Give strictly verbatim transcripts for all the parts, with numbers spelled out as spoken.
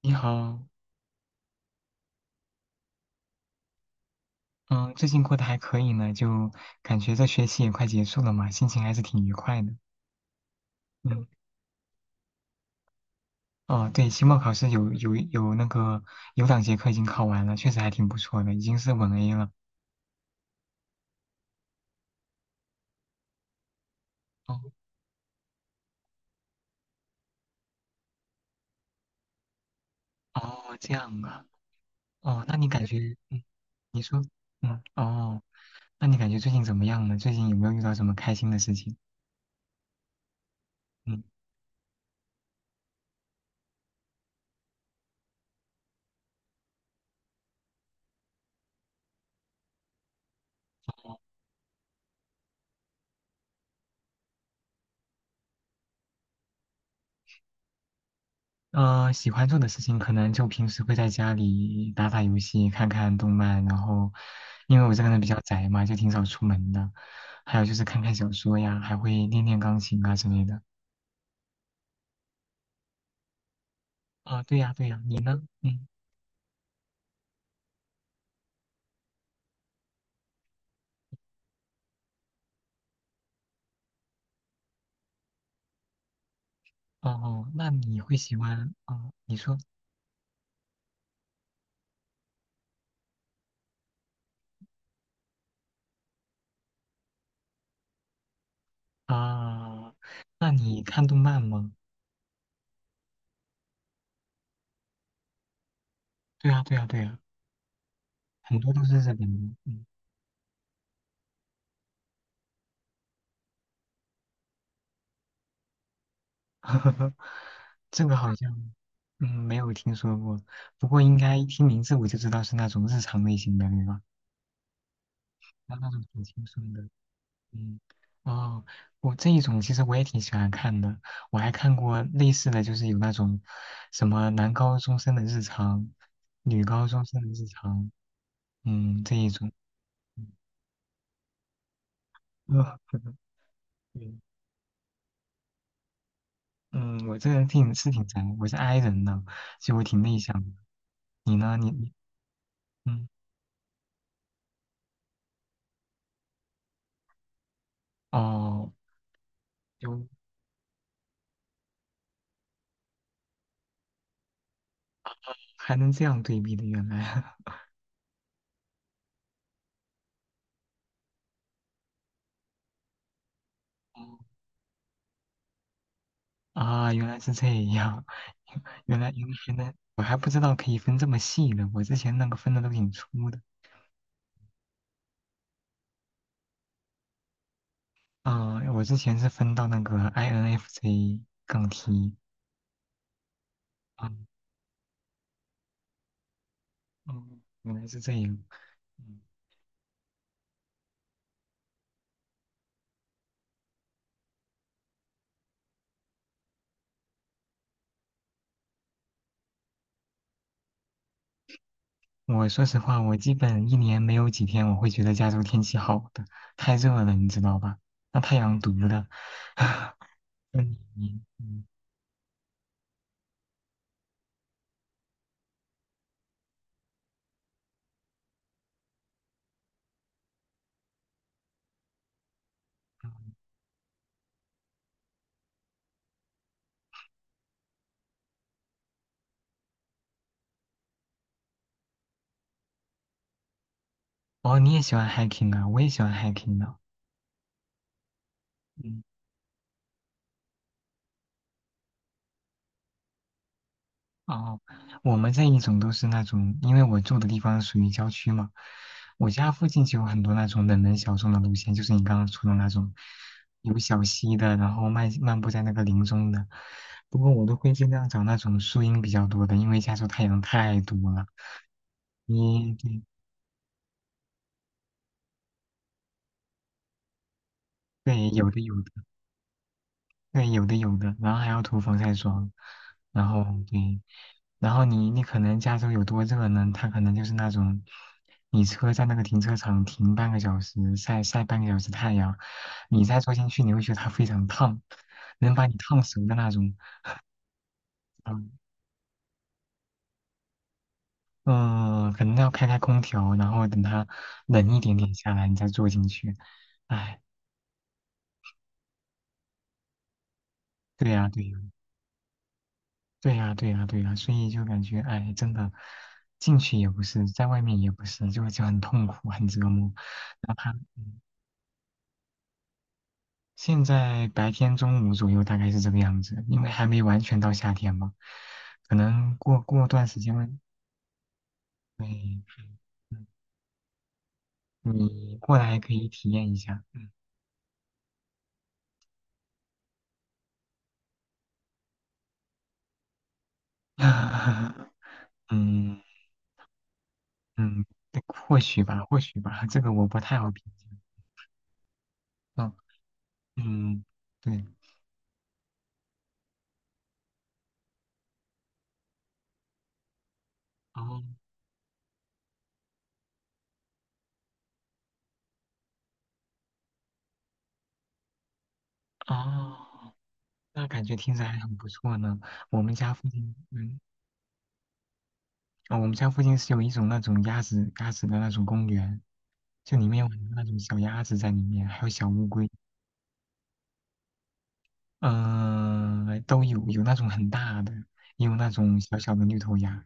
你好，嗯，最近过得还可以呢，就感觉这学期也快结束了嘛，心情还是挺愉快的。嗯，哦，对，期末考试有有有那个有两节课已经考完了，确实还挺不错的，已经是稳 A 了。哦哦，这样啊，哦，那你感觉，嗯，你说，嗯，哦，那你感觉最近怎么样呢？最近有没有遇到什么开心的事情？嗯。呃，喜欢做的事情可能就平时会在家里打打游戏、看看动漫，然后因为我这个人比较宅嘛，就挺少出门的。还有就是看看小说呀，还会练练钢琴啊之类的。啊、对呀，对呀，你呢？嗯，哦，那你会喜欢？哦，你说啊、那你看动漫吗？对呀，对呀，对呀，很多都是日本的。嗯，这个好像嗯没有听说过，不过应该一听名字我就知道是那种日常类型的，对吧？那那种挺轻松的，嗯，哦，我这一种其实我也挺喜欢看的，我还看过类似的就是有那种什么男高中生的日常、女高中生的日常，嗯，这一种，嗯，对嗯，我这个人挺是挺宅，我是 i 人的，所以我挺内向的。你呢？你你嗯，哦，就还能这样对比的，原来。哦啊，原来是这样，原来原来原来，我还不知道可以分这么细呢。我之前那个分的都挺粗的。啊，我之前是分到那个 I N F J 杠 T。啊，嗯，原来是这样。嗯我说实话，我基本一年没有几天我会觉得加州天气好的，太热了，你知道吧？那太阳毒的。嗯，嗯，哦，你也喜欢 hiking 啊？我也喜欢 hiking 呢。嗯哦，我们这一种都是那种，因为我住的地方属于郊区嘛，我家附近就有很多那种冷门小众的路线，就是你刚刚说的那种，有小溪的，然后漫漫步在那个林中的。不过我都会尽量找那种树荫比较多的，因为加州太阳太毒了。你对对，有的有的对，有的有的，然后还要涂防晒霜，然后对，然后你你可能加州有多热呢？它可能就是那种，你车在那个停车场停半个小时，晒晒半个小时太阳，你再坐进去，你会觉得它非常烫，能把你烫熟的那种。嗯嗯，可能要开开空调，然后等它冷一点点下来，你再坐进去。哎，对呀、对呀、对呀，对呀，对呀，所以就感觉，哎，真的，进去也不是，在外面也不是，就就很痛苦，很折磨。哪怕现在白天中午左右大概是这个样子，因为还没完全到夏天嘛，可能过过段时间会，对，嗯，你过来可以体验一下，嗯，嗯嗯，对或许吧，或许吧，这个我不太好评价，嗯嗯，对，哦哦。那感觉听着还很不错呢。我们家附近，嗯，哦，我们家附近是有一种那种鸭子鸭子的那种公园，就里面有很多那种小鸭子在里面，还有小乌龟，嗯，都有，有那种很大的，也有那种小小的绿头鸭。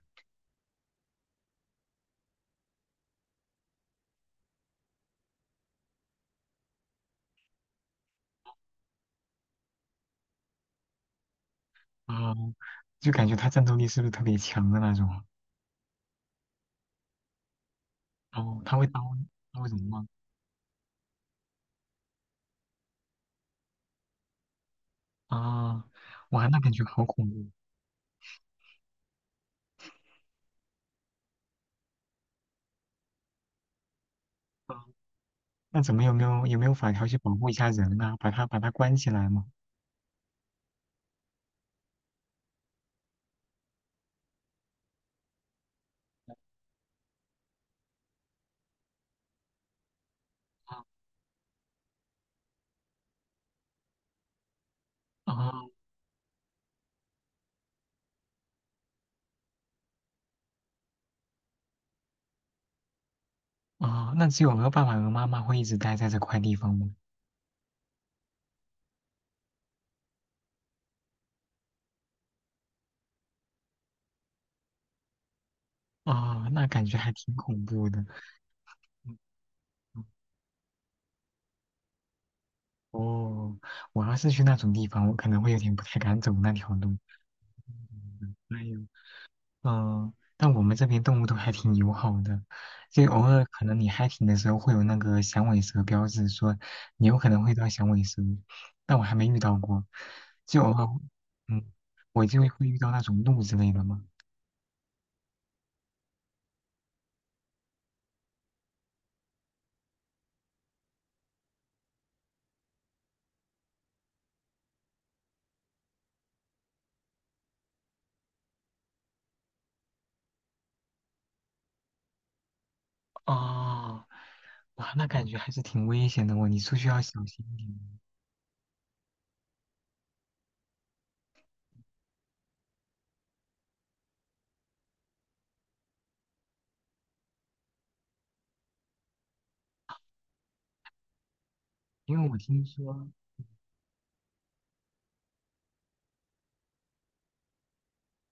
哦，就感觉它战斗力是不是特别强的那种？哦，它会刀，它会怎么吗？啊、哇，那感觉好恐怖。嗯那怎么有没有有没有法条去保护一下人啊？把它把它关起来吗？啊哦哦，那只有和爸爸和妈妈会一直待在这块地方吗？哦，那感觉还挺恐怖的。嗯哦，我要是去那种地方，我可能会有点不太敢走那条路。嗯哎呦嗯、但我们这边动物都还挺友好的，就偶尔可能你 hiking 的时候会有那个响尾蛇标志，说你有可能会遇到响尾蛇，但我还没遇到过，就偶尔，嗯，我就会遇到那种鹿之类的嘛。哦，哇，那感觉还是挺危险的哦，你出去要小心一点哦。因为我听说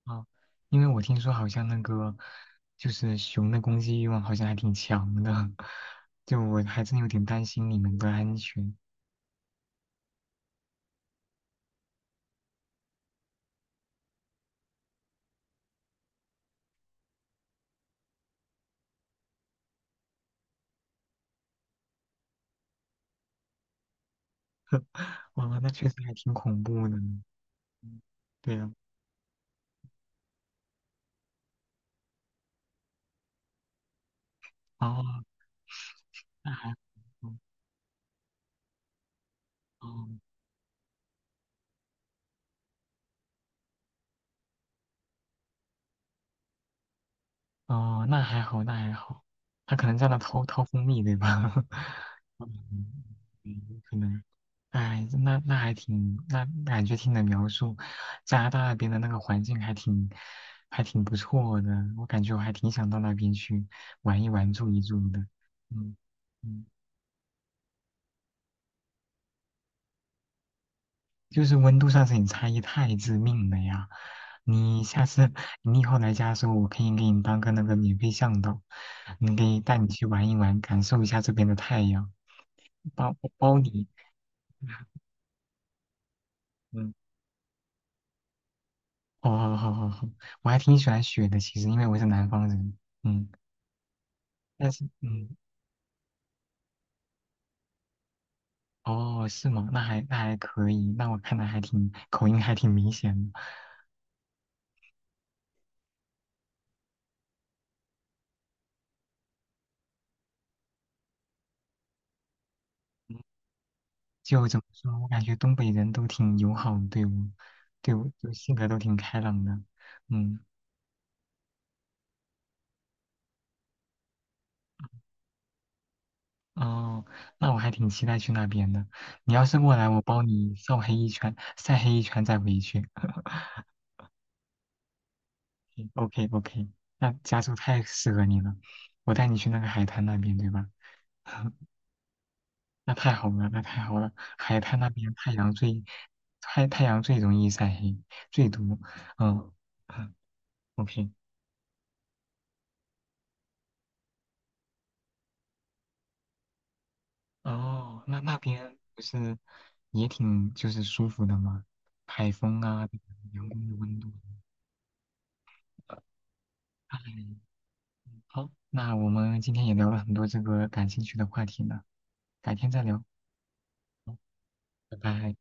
啊，因为我听说好像那个就是熊的攻击欲望好像还挺强的，就我还真有点担心你们的安全。哇，那确实还挺恐怖的呢。嗯，对呀，哦，那还，嗯哦。哦，那还好，那还好，他可能在那掏掏蜂蜜，对吧？嗯，嗯可能，哎，那那还挺，那感觉听你的描述，加拿大那边的那个环境还挺，还挺不错的，我感觉我还挺想到那边去玩一玩、住一住的。嗯嗯。就是温度上是你差异太致命了呀！你下次你以后来家的时候，我可以给你当个那个免费向导，你可以带你去玩一玩，感受一下这边的太阳，包包你。嗯，好好好好好，我还挺喜欢雪的，其实因为我是南方人。嗯，但是嗯，哦，是吗？那还那还可以，那我看来还挺口音还挺明显的。嗯，就怎么说，我感觉东北人都挺友好，对我，对我就性格都挺开朗的。嗯。哦，那我还挺期待去那边的。你要是过来，我包你晒黑一圈，晒黑一圈再回去。OK OK，那加州太适合你了，我带你去那个海滩那边，对吧？那太好了，那太好了，海滩那边太阳最太太阳最容易晒黑，最毒。嗯嗯，OK。哦，那那边不是也挺就是舒服的吗？海风啊，阳光的温度。哎好，那我们今天也聊了很多这个感兴趣的话题呢，改天再聊，拜拜。